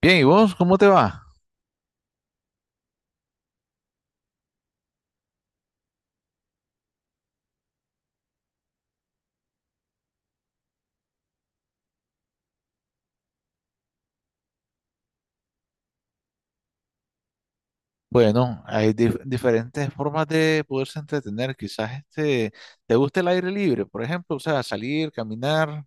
Bien, ¿y vos cómo te va? Bueno, hay diferentes formas de poderse entretener. Quizás te gusta el aire libre, por ejemplo, o sea, salir, caminar,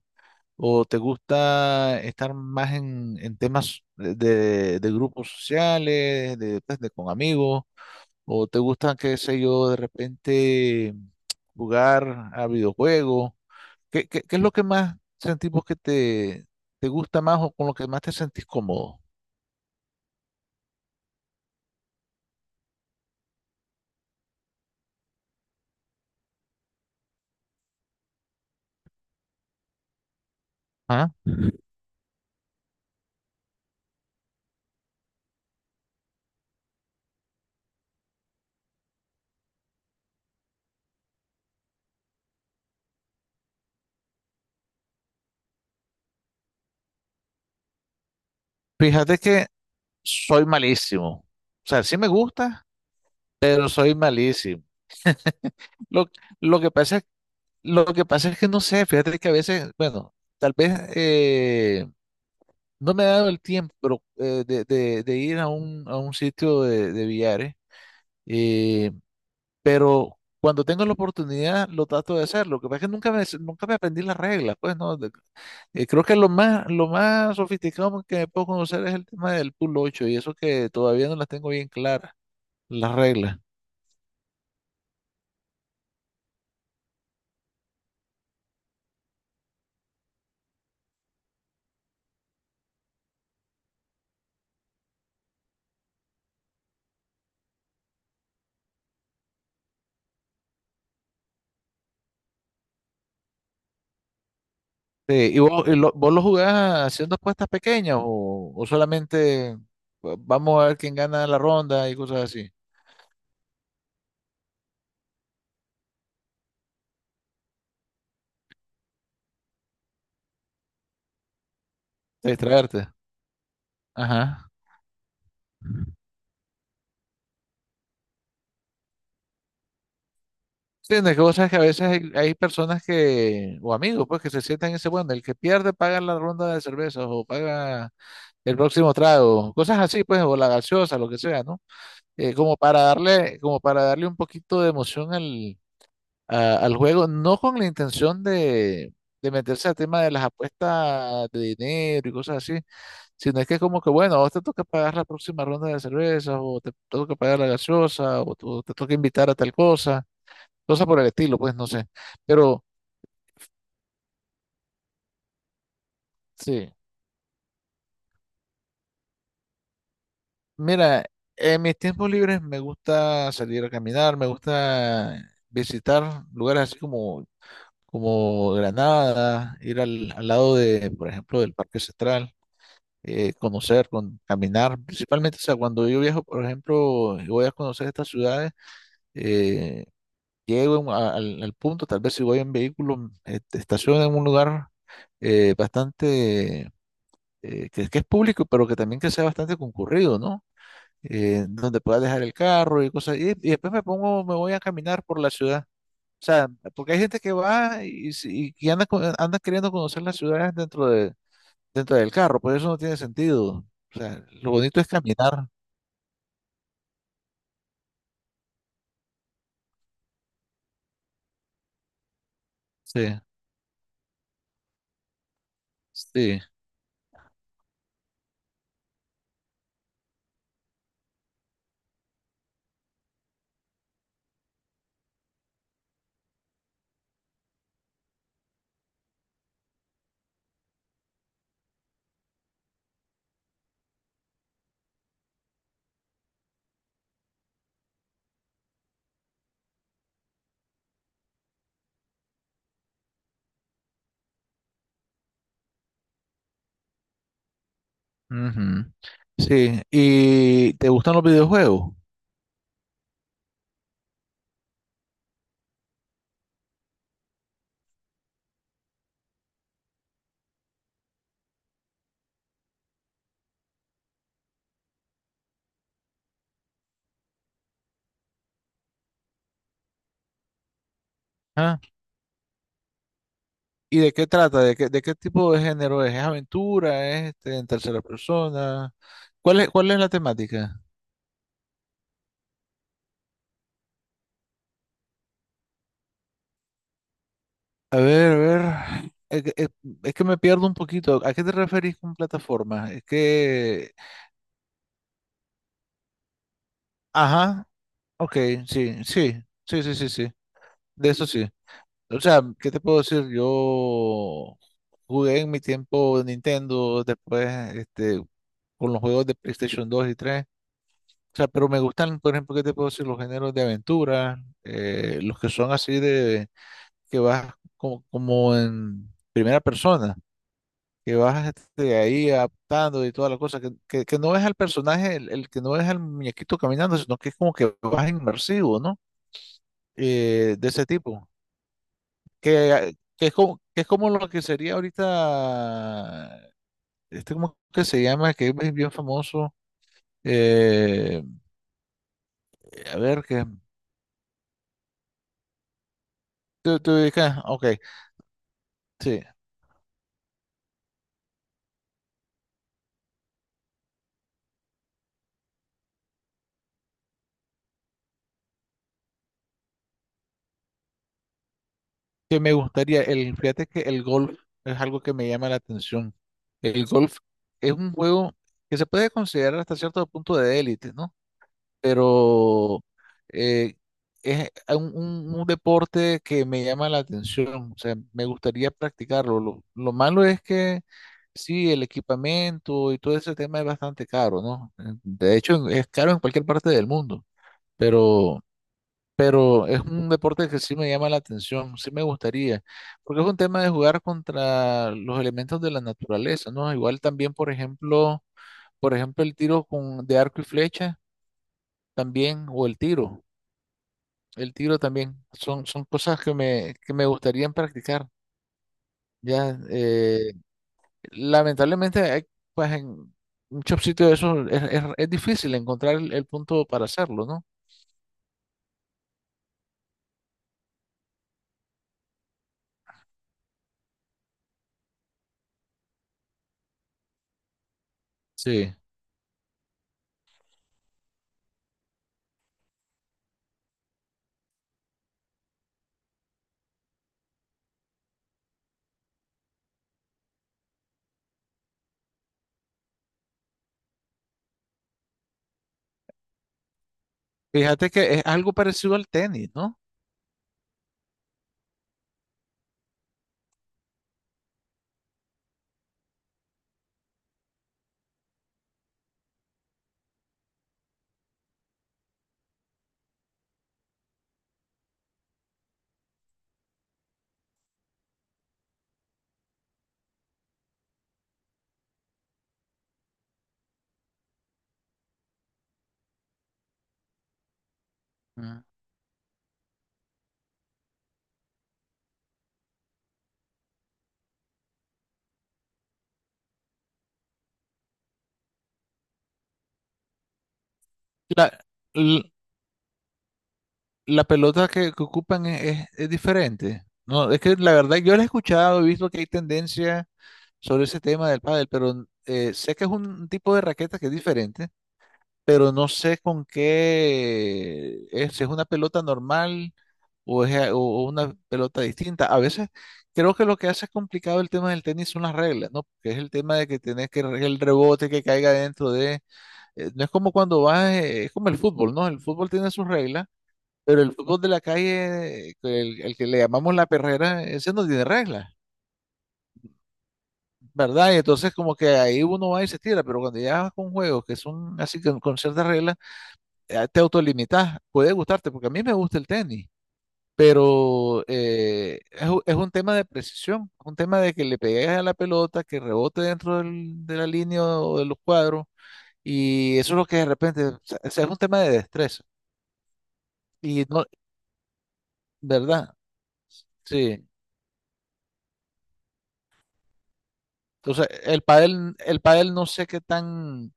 o te gusta estar más en temas de grupos sociales, de, pues, de con amigos, o te gusta, qué sé yo, de repente jugar a videojuegos. ¿Qué es lo que más sentimos que te gusta más o con lo que más te sentís cómodo? ¿Ah? Fíjate que soy malísimo. O sea, sí me gusta, pero soy malísimo. Lo, lo que pasa lo que pasa es que no sé, fíjate que a veces, bueno, tal vez no me ha dado el tiempo pero, de ir a a un sitio de billares, eh, pero cuando tengo la oportunidad lo trato de hacer. Lo que pasa es que nunca me aprendí las reglas, pues, ¿no? Creo que lo más sofisticado que me puedo conocer es el tema del pool ocho, y eso que todavía no las tengo bien claras, las reglas. Sí, ¿y vos lo jugás haciendo apuestas pequeñas, o solamente pues, vamos a ver quién gana la ronda y cosas así? Para distraerte. Ajá. Sí, no, es que vos sabes que a veces hay personas que, o amigos, pues, que se sientan en ese, bueno, el que pierde paga la ronda de cervezas o paga el próximo trago, cosas así, pues, o la gaseosa, lo que sea, ¿no? Como para darle un poquito de emoción al juego, no con la intención de meterse al tema de las apuestas de dinero y cosas así, sino es que como que, bueno, a vos te toca pagar la próxima ronda de cerveza, o te toca pagar la gaseosa, o te toca invitar a tal cosa, cosas por el estilo, pues no sé. Pero sí, mira, en mis tiempos libres me gusta salir a caminar, me gusta visitar lugares así como como Granada, ir al lado de, por ejemplo, del Parque Central. Caminar, principalmente, o sea, cuando yo viajo, por ejemplo, y voy a conocer estas ciudades, eh, llego al punto, tal vez si voy en vehículo, estaciono en un lugar eh, bastante, que es público, pero que también que sea bastante concurrido, ¿no? Donde pueda dejar el carro y cosas, y después me pongo, me voy a caminar por la ciudad. O sea, porque hay gente que va y, si- y que anda, anda queriendo conocer las ciudades dentro del carro, pues eso no tiene sentido. O sea, lo bonito es caminar. Sí, sí. Ujú. Sí, ¿y te gustan los videojuegos? ¿Ah? ¿Y de qué trata? De qué tipo de género es? ¿Es aventura? ¿Es este, en tercera persona? Cuál es la temática? A ver, a ver. Es que me pierdo un poquito. ¿A qué te referís con plataforma? Es que Ajá, ok, sí, sí, sí, sí, sí, sí. De eso sí. O sea, ¿qué te puedo decir? Yo jugué en mi tiempo Nintendo, después este, con los juegos de PlayStation 2 y 3. O sea, pero me gustan, por ejemplo, ¿qué te puedo decir? Los géneros de aventura, los que son así de que vas como, como en primera persona, que vas ahí adaptando y toda la cosa, que no es al personaje, el que no es al muñequito caminando, sino que es como que vas inmersivo, ¿no? De ese tipo. Que es como lo que sería ahorita, este como que se llama, que es bien famoso, eh, a ver, que tú dices, ok, sí, que me gustaría, el, fíjate que el golf es algo que me llama la atención. El golf es un juego que se puede considerar hasta cierto punto de élite, ¿no? Pero eh, es un deporte que me llama la atención, o sea, me gustaría practicarlo. Lo malo es que sí, el equipamiento y todo ese tema es bastante caro, ¿no? De hecho, es caro en cualquier parte del mundo, pero, pero es un deporte que sí me llama la atención, sí me gustaría, porque es un tema de jugar contra los elementos de la naturaleza, ¿no? Igual también, por ejemplo, el tiro de arco y flecha también, o el tiro. El tiro también. Son, son cosas que que me gustarían practicar. Ya, lamentablemente, pues en muchos sitios de esos es difícil encontrar el punto para hacerlo, ¿no? Sí. Fíjate que es algo parecido al tenis, ¿no? Mm. La, l- la pelota que ocupan es diferente. No, es que la verdad yo la he escuchado, he visto que hay tendencia sobre ese tema del pádel, pero sé que es un tipo de raqueta que es diferente, pero no sé con qué es, si es una pelota normal o es o una pelota distinta. A veces creo que lo que hace complicado el tema del tenis son las reglas, ¿no? Porque es el tema de que tenés que el rebote que caiga dentro de, no es como cuando vas, es como el fútbol, ¿no? El fútbol tiene sus reglas, pero el fútbol de la calle, el que le llamamos la perrera, ese no tiene reglas. ¿Verdad? Y entonces como que ahí uno va y se tira, pero cuando ya vas con juegos que son así con ciertas reglas, te autolimitas, puede gustarte, porque a mí me gusta el tenis, pero es un tema de precisión, un tema de que le pegues a la pelota, que rebote de la línea o de los cuadros, y eso es lo que de repente, o sea, es un tema de destreza, y no, ¿verdad? Sí. Entonces, el pádel no sé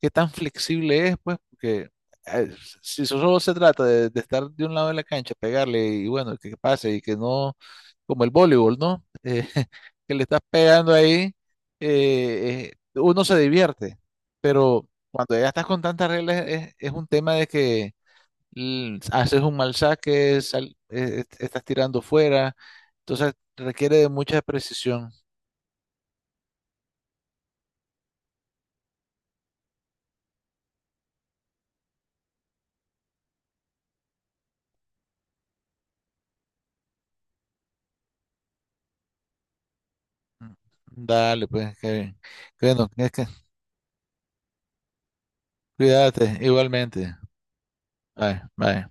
qué tan flexible es, pues, porque eh, si eso solo se trata de estar de un lado de la cancha, pegarle y bueno, que pase y que no, como el voleibol, ¿no? Que le estás pegando ahí, uno se divierte, pero cuando ya estás con tantas reglas es un tema de que haces un mal saque, estás tirando fuera, entonces requiere de mucha precisión. Dale, pues, Kevin. Bueno, es que cuídate igualmente. Bye, bye.